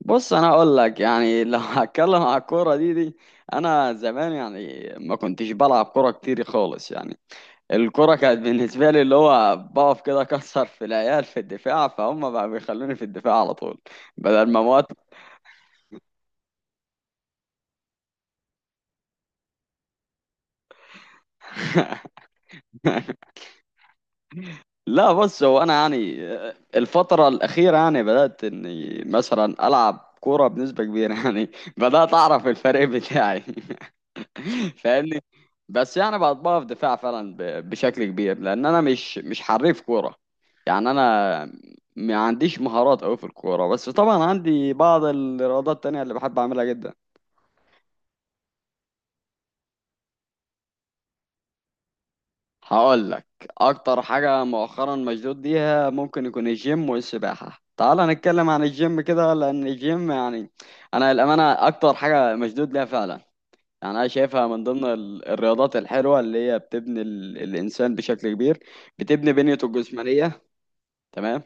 بص انا اقول لك يعني لو هتكلم على الكوره دي. انا زمان يعني ما كنتش بلعب كوره كتير خالص يعني الكوره كانت بالنسبه لي اللي هو بقف كده اكسر في العيال في الدفاع، فهم بقى بيخلوني في الدفاع على طول بدل ما موت. لا بص، هو انا يعني الفتره الاخيره يعني بدات اني مثلا العب كوره بنسبه كبيره يعني بدات اعرف الفريق بتاعي فاهمني؟ بس يعني بطبقها في دفاع فعلا بشكل كبير لان انا مش حريف كوره. يعني انا ما عنديش مهارات قوي في الكوره، بس طبعا عندي بعض الرياضات التانية اللي بحب اعملها جدا. هقول لك، اكتر حاجه مؤخرا مشدود ليها ممكن يكون الجيم والسباحه. تعال نتكلم عن الجيم كده، لان الجيم يعني انا الامانه اكتر حاجه مشدود ليها فعلا. يعني أنا شايفها من ضمن الرياضات الحلوة اللي هي بتبني الإنسان بشكل كبير، بتبني بنيته الجسمانية. تمام،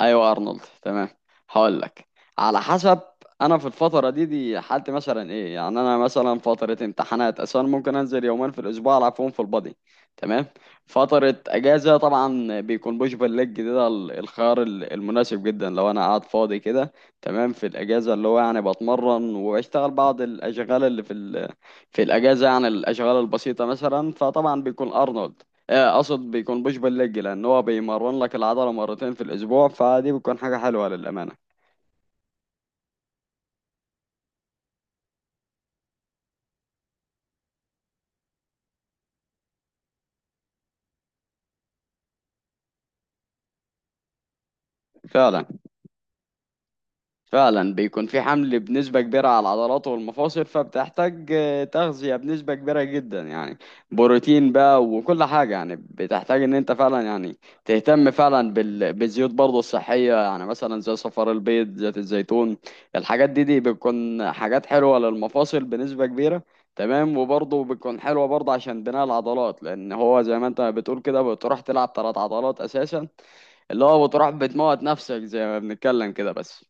ايوه ارنولد تمام. هقول لك، على حسب. انا في الفتره دي حالتي مثلا ايه؟ يعني انا مثلا فتره امتحانات اصلا ممكن انزل يومين في الاسبوع العب فيهم في البادي. تمام. فتره اجازه طبعا بيكون بوش بول ليج ده الخيار المناسب جدا لو انا قاعد فاضي كده. تمام، في الاجازه اللي هو يعني بتمرن وبشتغل بعض الاشغال اللي في ال... في الاجازه يعني الاشغال البسيطه مثلا. فطبعا بيكون ارنولد، اقصد بيكون بوش بول ليج لان هو بيمرن لك العضله مرتين في الاسبوع، فدي بتكون حاجه حلوه للامانه. فعلا. فعلا بيكون في حمل بنسبة كبيرة على العضلات والمفاصل، فبتحتاج تغذية بنسبة كبيرة جدا يعني. بروتين بقى وكل حاجة، يعني بتحتاج ان انت فعلا يعني تهتم فعلا بالزيوت برضه الصحية، يعني مثلا زي صفار البيض، زيت الزيتون. الحاجات دي بتكون حاجات حلوة للمفاصل بنسبة كبيرة. تمام، وبرضه بتكون حلوة برضه عشان بناء العضلات، لأن هو زي ما انت بتقول كده بتروح تلعب تلات عضلات أساسا، اللي هو بتروح بتموت نفسك زي ما بنتكلم كده بس.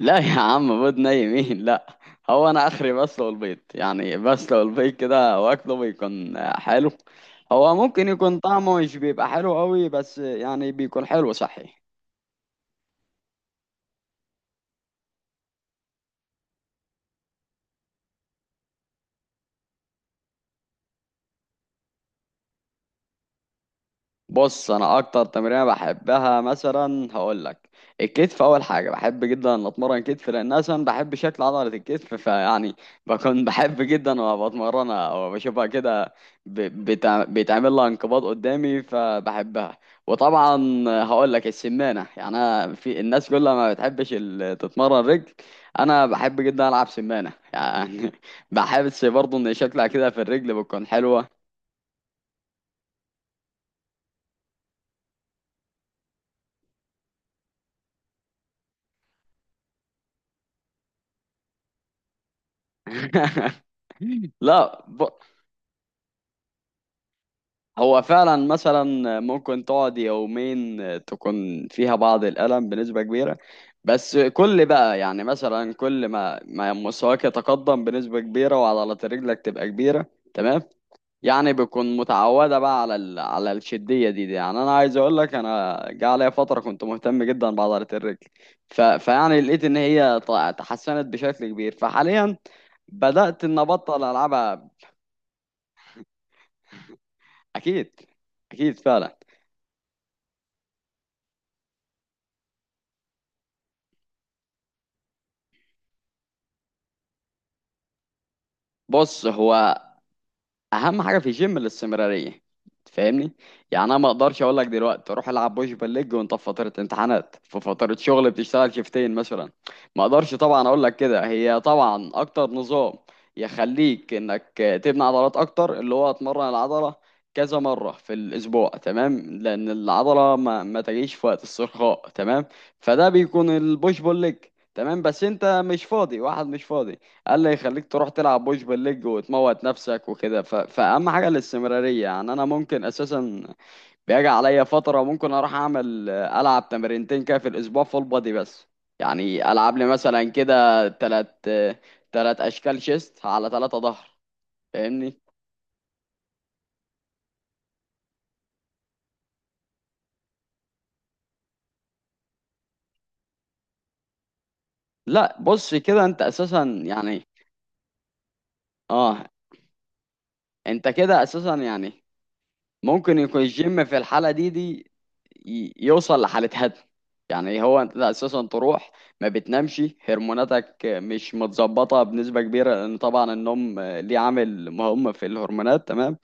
لا يا عم، بيض ني مين؟ لا. هو انا اخري بسلق البيض، يعني بسلق البيض كده واكله بيكون حلو. هو ممكن يكون طعمه مش بيبقى حلو قوي، بس يعني بيكون حلو صحي. بص، انا اكتر تمرينه بحبها مثلا هقول لك، الكتف. اول حاجه بحب جدا ان اتمرن كتف لان اصلا بحب شكل عضله الكتف، فيعني بكون بحب جدا وأنا بتمرنها وبشوفها كده بيتعمل لها انقباض قدامي فبحبها. وطبعا هقول لك السمانه، يعني انا في الناس كلها ما بتحبش تتمرن رجل، انا بحب جدا العب سمانه يعني بحس برضه ان شكلها كده في الرجل بتكون حلوه. لا، هو فعلا مثلا ممكن تقعد يومين تكون فيها بعض الألم بنسبة كبيرة، بس كل بقى يعني مثلا كل ما مستواك يتقدم بنسبة كبيرة وعضلات رجلك تبقى كبيرة. تمام، يعني بتكون متعودة بقى على ال... على الشدية دي. يعني أنا عايز أقول لك، أنا جه عليا فترة كنت مهتم جدا بعضلة الرجل، ف... فيعني لقيت إن هي تحسنت بشكل كبير، فحاليا بدأت إن أبطل ألعبها. أكيد، أكيد فعلا. بص، هو اهم حاجه في الجيم الاستمراريه، تفهمني؟ يعني انا ما اقدرش اقول لك دلوقتي روح العب بوش بالليج وانت في فتره امتحانات، في فتره شغل بتشتغل شيفتين مثلا. ما اقدرش طبعا اقول لك كده. هي طبعا اكتر نظام يخليك انك تبني عضلات اكتر اللي هو اتمرن العضله كذا مره في الاسبوع، تمام، لان العضله ما تجيش في وقت الصرخاء. تمام، فده بيكون البوش بول ليج. تمام، بس انت مش فاضي، واحد مش فاضي قال لي يخليك تروح تلعب بوش بالليج وتموت نفسك وكده. ف... فأهم حاجة الاستمرارية. يعني أنا ممكن أساسا بيجي عليا فترة ممكن أروح أعمل ألعب تمرينتين كده في الأسبوع فول بادي بس، يعني ألعب لي مثلا كده تلات أشكال شيست على تلاتة ظهر. فاهمني؟ لا، بص كده أنت أساسا يعني. أه. أنت كده أساسا يعني ممكن يكون الجيم في الحالة دي يوصل لحالة هدم. يعني إيه، هو انت اساسا تروح ما بتنامش، هرموناتك مش متظبطة بنسبة كبيرة لان طبعا النوم ليه عامل مهم في الهرمونات، تمام.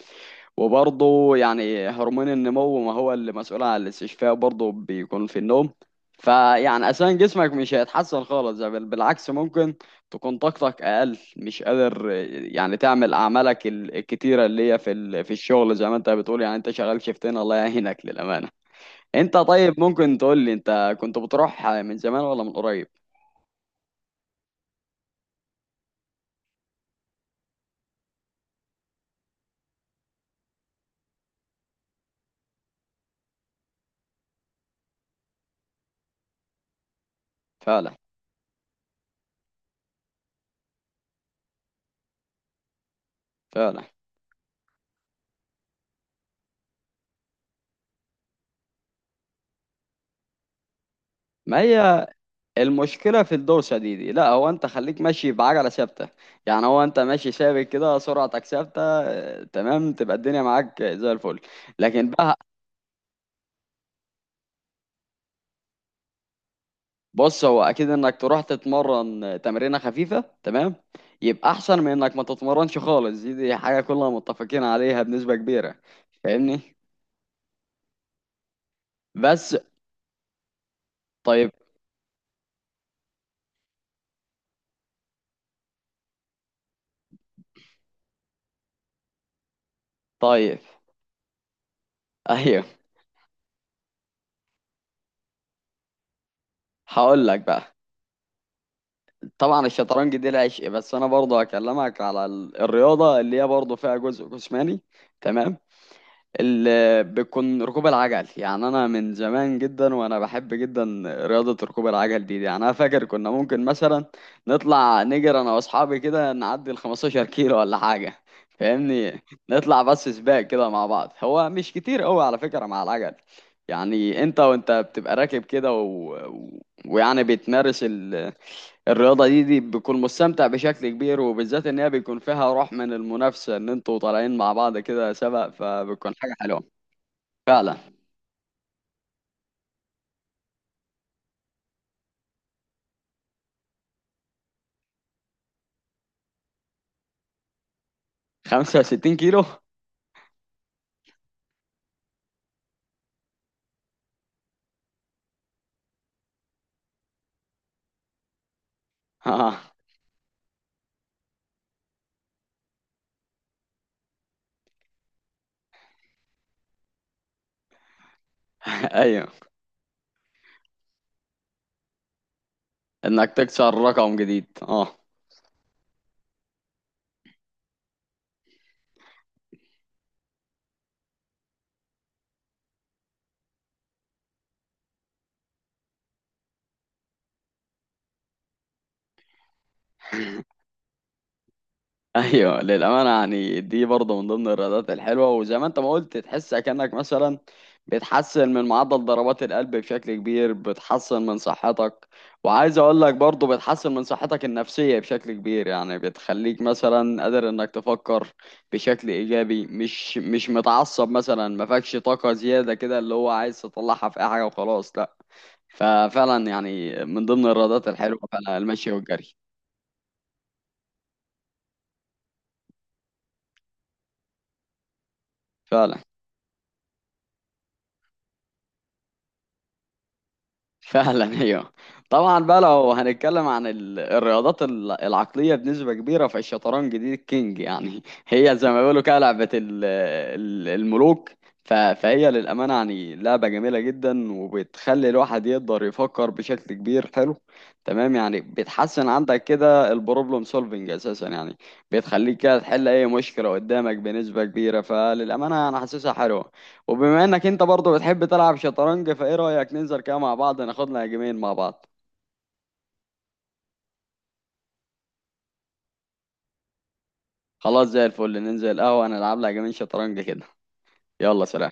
وبرضه يعني هرمون النمو ما هو اللي مسؤول عن الاستشفاء، برضه بيكون في النوم. فيعني أساسا جسمك مش هيتحسن خالص، ده بل بالعكس ممكن تكون طاقتك أقل، مش قادر يعني تعمل أعمالك الكتيرة اللي هي في ال- في الشغل زي ما أنت بتقول. يعني أنت شغال شيفتين، الله يعينك للأمانة. أنت طيب ممكن تقول لي أنت كنت بتروح من زمان ولا من قريب؟ فعلا. فعلا. ما هي المشكلة في الدوسة دي. لا هو انت خليك ماشي بعجلة ثابتة، يعني هو انت ماشي ثابت كده، سرعتك ثابتة، تمام، تبقى الدنيا معاك زي الفل. لكن بقى، بص هو اكيد انك تروح تتمرن تمرينة خفيفة، تمام، يبقى احسن من انك ما تتمرنش خالص، دي حاجة كلنا متفقين عليها بنسبة كبيرة. فاهمني؟ بس. طيب. طيب. ايوه. هقول لك بقى، طبعا الشطرنج دي العشق، بس انا برضه هكلمك على الرياضة اللي هي برضه فيها جزء جسماني، تمام، اللي بتكون ركوب العجل. يعني انا من زمان جدا وانا بحب جدا رياضة ركوب العجل دي. يعني انا فاكر كنا ممكن مثلا نطلع نجري انا واصحابي كده نعدي ال 15 كيلو ولا حاجة. فاهمني؟ نطلع بس سباق كده مع بعض. هو مش كتير قوي على فكرة مع العجل، يعني انت وانت بتبقى راكب كده و... و... ويعني بتمارس ال... الرياضة دي بتكون مستمتع بشكل كبير، وبالذات ان هي بيكون فيها روح من المنافسة ان انتوا طالعين مع بعض كده سبق، فبتكون حاجة حلوة. فعلا، 65 كيلو؟ آه. ايوه، انك تكسر رقم جديد، اه. ايوه للامانه، يعني دي برضه من ضمن الرياضات الحلوه، وزي ما انت ما قلت تحس كانك مثلا بتحسن من معدل ضربات القلب بشكل كبير، بتحسن من صحتك. وعايز اقول لك برضه بتحسن من صحتك النفسيه بشكل كبير، يعني بتخليك مثلا قادر انك تفكر بشكل ايجابي، مش متعصب مثلا، ما فيكش طاقه زياده كده اللي هو عايز تطلعها في اي حاجه وخلاص، لا. ففعلا يعني من ضمن الرياضات الحلوة فعلا المشي والجري. فعلا. فعلا ايوه. طبعا بقى لو هنتكلم عن الرياضات العقليه بنسبه كبيره، فالشطرنج دي الكينج يعني هي زي ما بيقولوا كده لعبه الملوك. فهي للامانه يعني لعبه جميله جدا، وبتخلي الواحد يقدر يفكر بشكل كبير حلو، تمام. يعني بتحسن عندك كده البروبلم سولفنج اساسا يعني، بتخليك كده تحل اي مشكله قدامك بنسبه كبيره، فللامانه انا حاسسها حلوه. وبما انك انت برضه بتحب تلعب شطرنج، فايه رأيك ننزل كده مع بعض ناخد لنا جيمين مع بعض؟ خلاص، زي الفل. ننزل القهوة نلعب لها جيمين شطرنج كده. يلا سلام.